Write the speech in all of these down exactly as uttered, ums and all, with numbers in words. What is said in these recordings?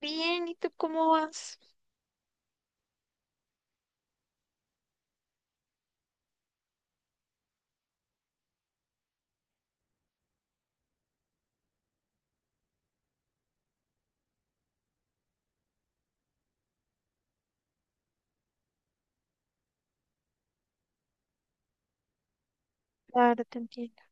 Bien, ¿y tú cómo vas? Claro, te entiendo.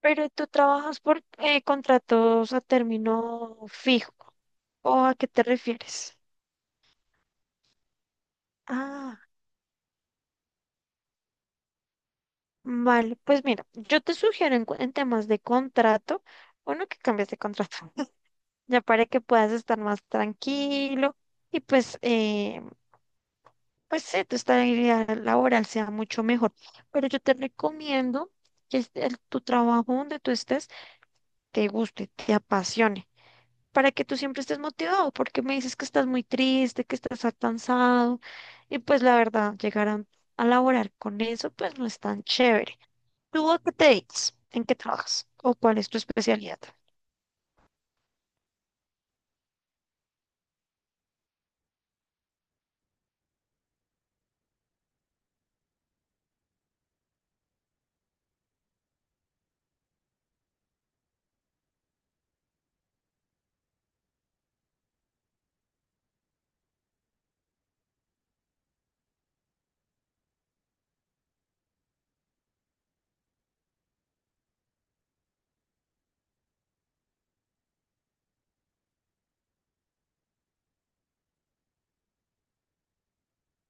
Pero tú trabajas por eh, contratos a término fijo. ¿O a qué te refieres? Ah, vale. Pues mira, yo te sugiero en, cu- en temas de contrato, uno que cambies de contrato, ya para que puedas estar más tranquilo y pues, eh, pues sí, tu estabilidad laboral sea mucho mejor. Pero yo te recomiendo que este- el- tu trabajo donde tú estés te guste, te apasione. Para que tú siempre estés motivado, porque me dices que estás muy triste, que estás cansado, y pues la verdad, llegar a, a laborar con eso, pues no es tan chévere. ¿Tú a qué te dedicas? ¿En qué trabajas? ¿O cuál es tu especialidad?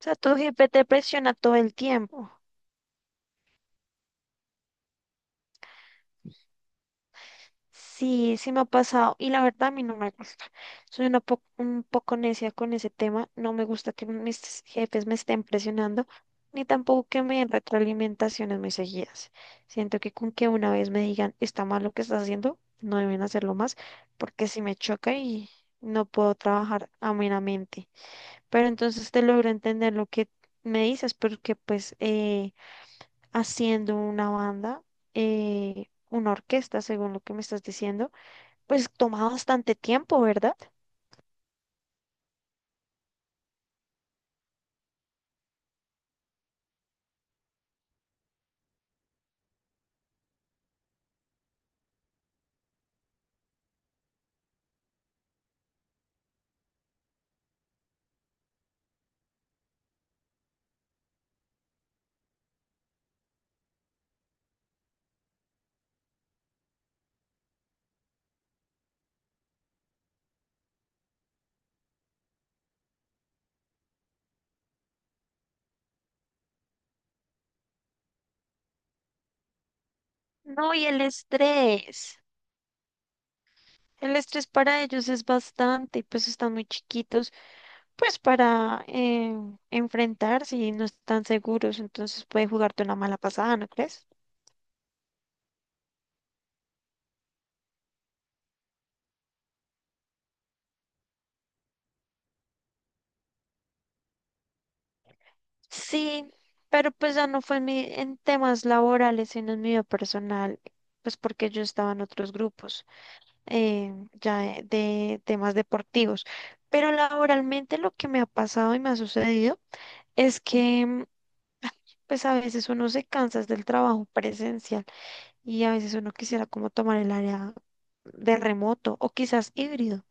O sea, tu jefe te presiona todo el tiempo. Sí, sí me ha pasado y la verdad a mí no me gusta. Soy una po- un poco necia con ese tema. No me gusta que mis jefes me estén presionando, ni tampoco que me den retroalimentaciones muy seguidas. Siento que con que una vez me digan está mal lo que estás haciendo, no deben hacerlo más, porque si me choca y no puedo trabajar amenamente. Pero entonces te logro entender lo que me dices, porque pues eh, haciendo una banda, eh, una orquesta, según lo que me estás diciendo pues toma bastante tiempo, ¿verdad? No, y el estrés. El estrés para ellos es bastante, pues están muy chiquitos, pues para eh, enfrentarse y no están seguros, entonces puede jugarte una mala pasada, ¿no crees? Sí, pero pues ya no fue en, mi- en temas laborales, sino en mi vida personal, pues porque yo estaba en otros grupos, eh, ya de, de temas deportivos. Pero laboralmente lo que me ha pasado y me ha sucedido es que pues a veces uno se cansa es del trabajo presencial y a veces uno quisiera como tomar el área de remoto o quizás híbrido.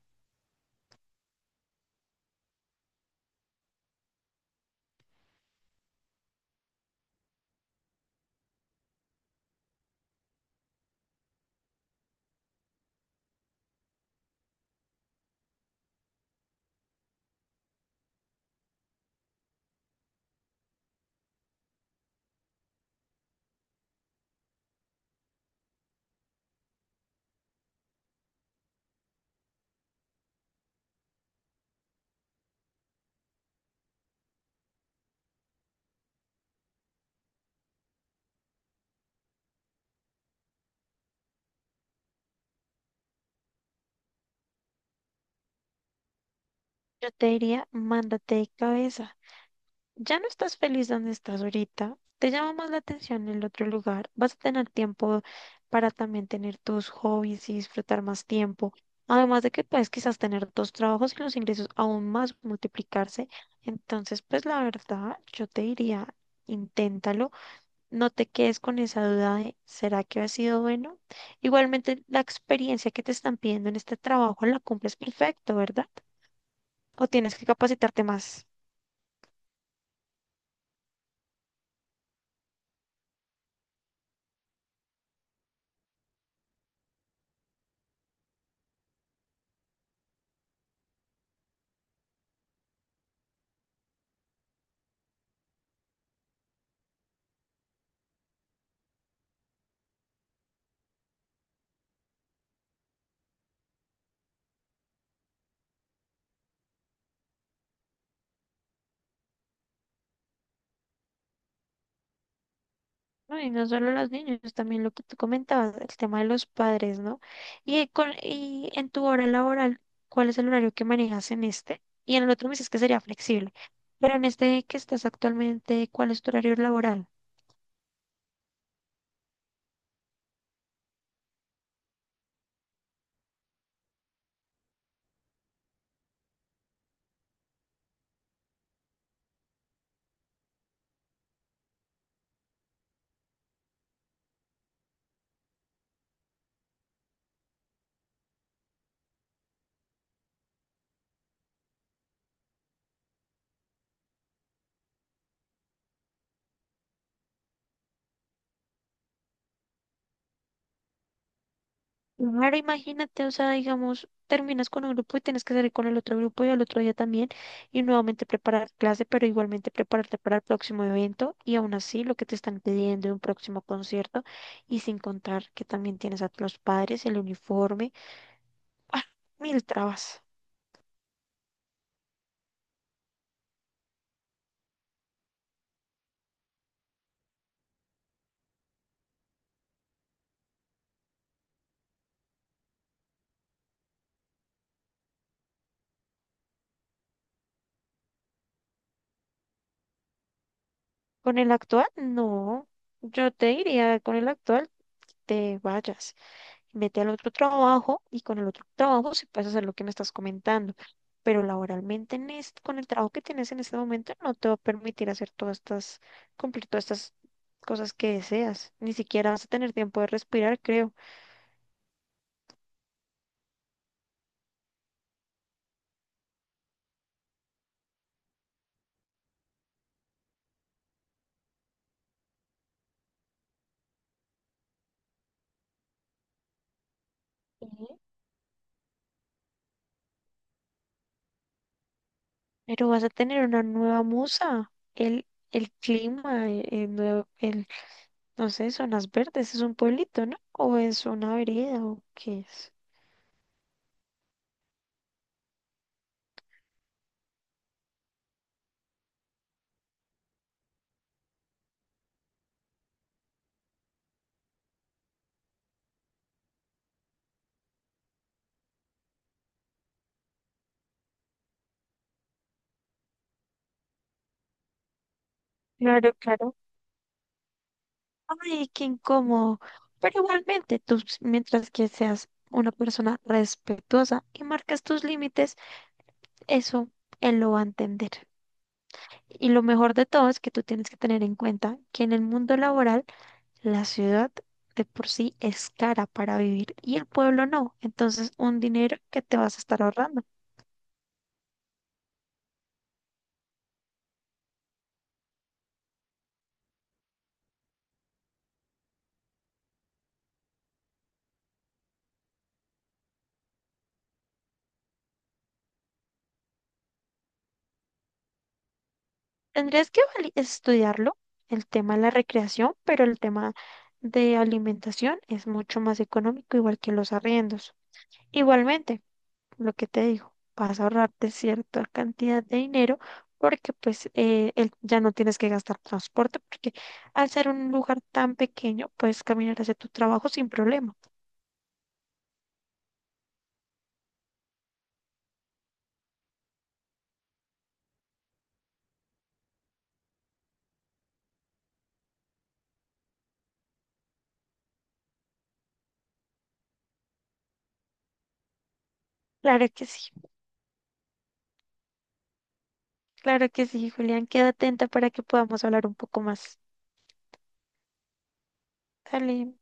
Yo te diría, mándate de cabeza. Ya no estás feliz donde estás ahorita, te llama más la atención el otro lugar, vas a tener tiempo para también tener tus hobbies y disfrutar más tiempo. Además de que puedes quizás tener dos trabajos y los ingresos aún más multiplicarse. Entonces, pues la verdad, yo te diría, inténtalo. No te quedes con esa duda de, ¿será que ha sido bueno? Igualmente, la experiencia que te están pidiendo en este trabajo la cumples perfecto, ¿verdad? O tienes que capacitarte más. No, y no solo los niños, también lo que tú comentabas, el tema de los padres, ¿no? Y, con, y en tu hora laboral, ¿cuál es el horario que manejas en este? Y en el otro me dices que sería flexible. Pero en este que estás actualmente, ¿cuál es tu horario laboral? Claro, imagínate, o sea, digamos, terminas con un grupo y tienes que salir con el otro grupo y al otro día también y nuevamente preparar clase, pero igualmente prepararte para el próximo evento y aún así lo que te están pidiendo en un próximo concierto y sin contar que también tienes a los padres, el uniforme, ¡ah, mil trabas! Con el actual, no, yo te diría, con el actual te vayas. Vete al otro trabajo y con el otro trabajo sí puedes hacer lo que me estás comentando. Pero laboralmente en este, con el trabajo que tienes en este momento no te va a permitir hacer todas estas, cumplir todas estas cosas que deseas. Ni siquiera vas a tener tiempo de respirar, creo. Pero vas a tener una nueva musa. El, el clima, el, el nuevo- el- no sé, zonas verdes, es un pueblito, ¿no? O es una vereda o qué es. Claro, claro. Ay, qué incómodo. Pero igualmente, tú, s- mientras que seas una persona respetuosa y marcas tus límites, eso él lo va a entender. Y lo mejor de todo es que tú tienes que tener en cuenta que en el mundo laboral, la ciudad de por sí es cara para vivir y el pueblo no. Entonces, un dinero que te vas a estar ahorrando. Tendrías que vali- estudiarlo, el tema de la recreación, pero el tema de alimentación es mucho más económico, igual que los arriendos. Igualmente, lo que te digo, vas a ahorrarte cierta cantidad de dinero porque pues eh, el- ya no tienes que gastar transporte porque al ser un lugar tan pequeño puedes caminar hacia tu trabajo sin problema. Claro que sí, claro que sí, Julián, queda atenta para que podamos hablar un poco más. Dale.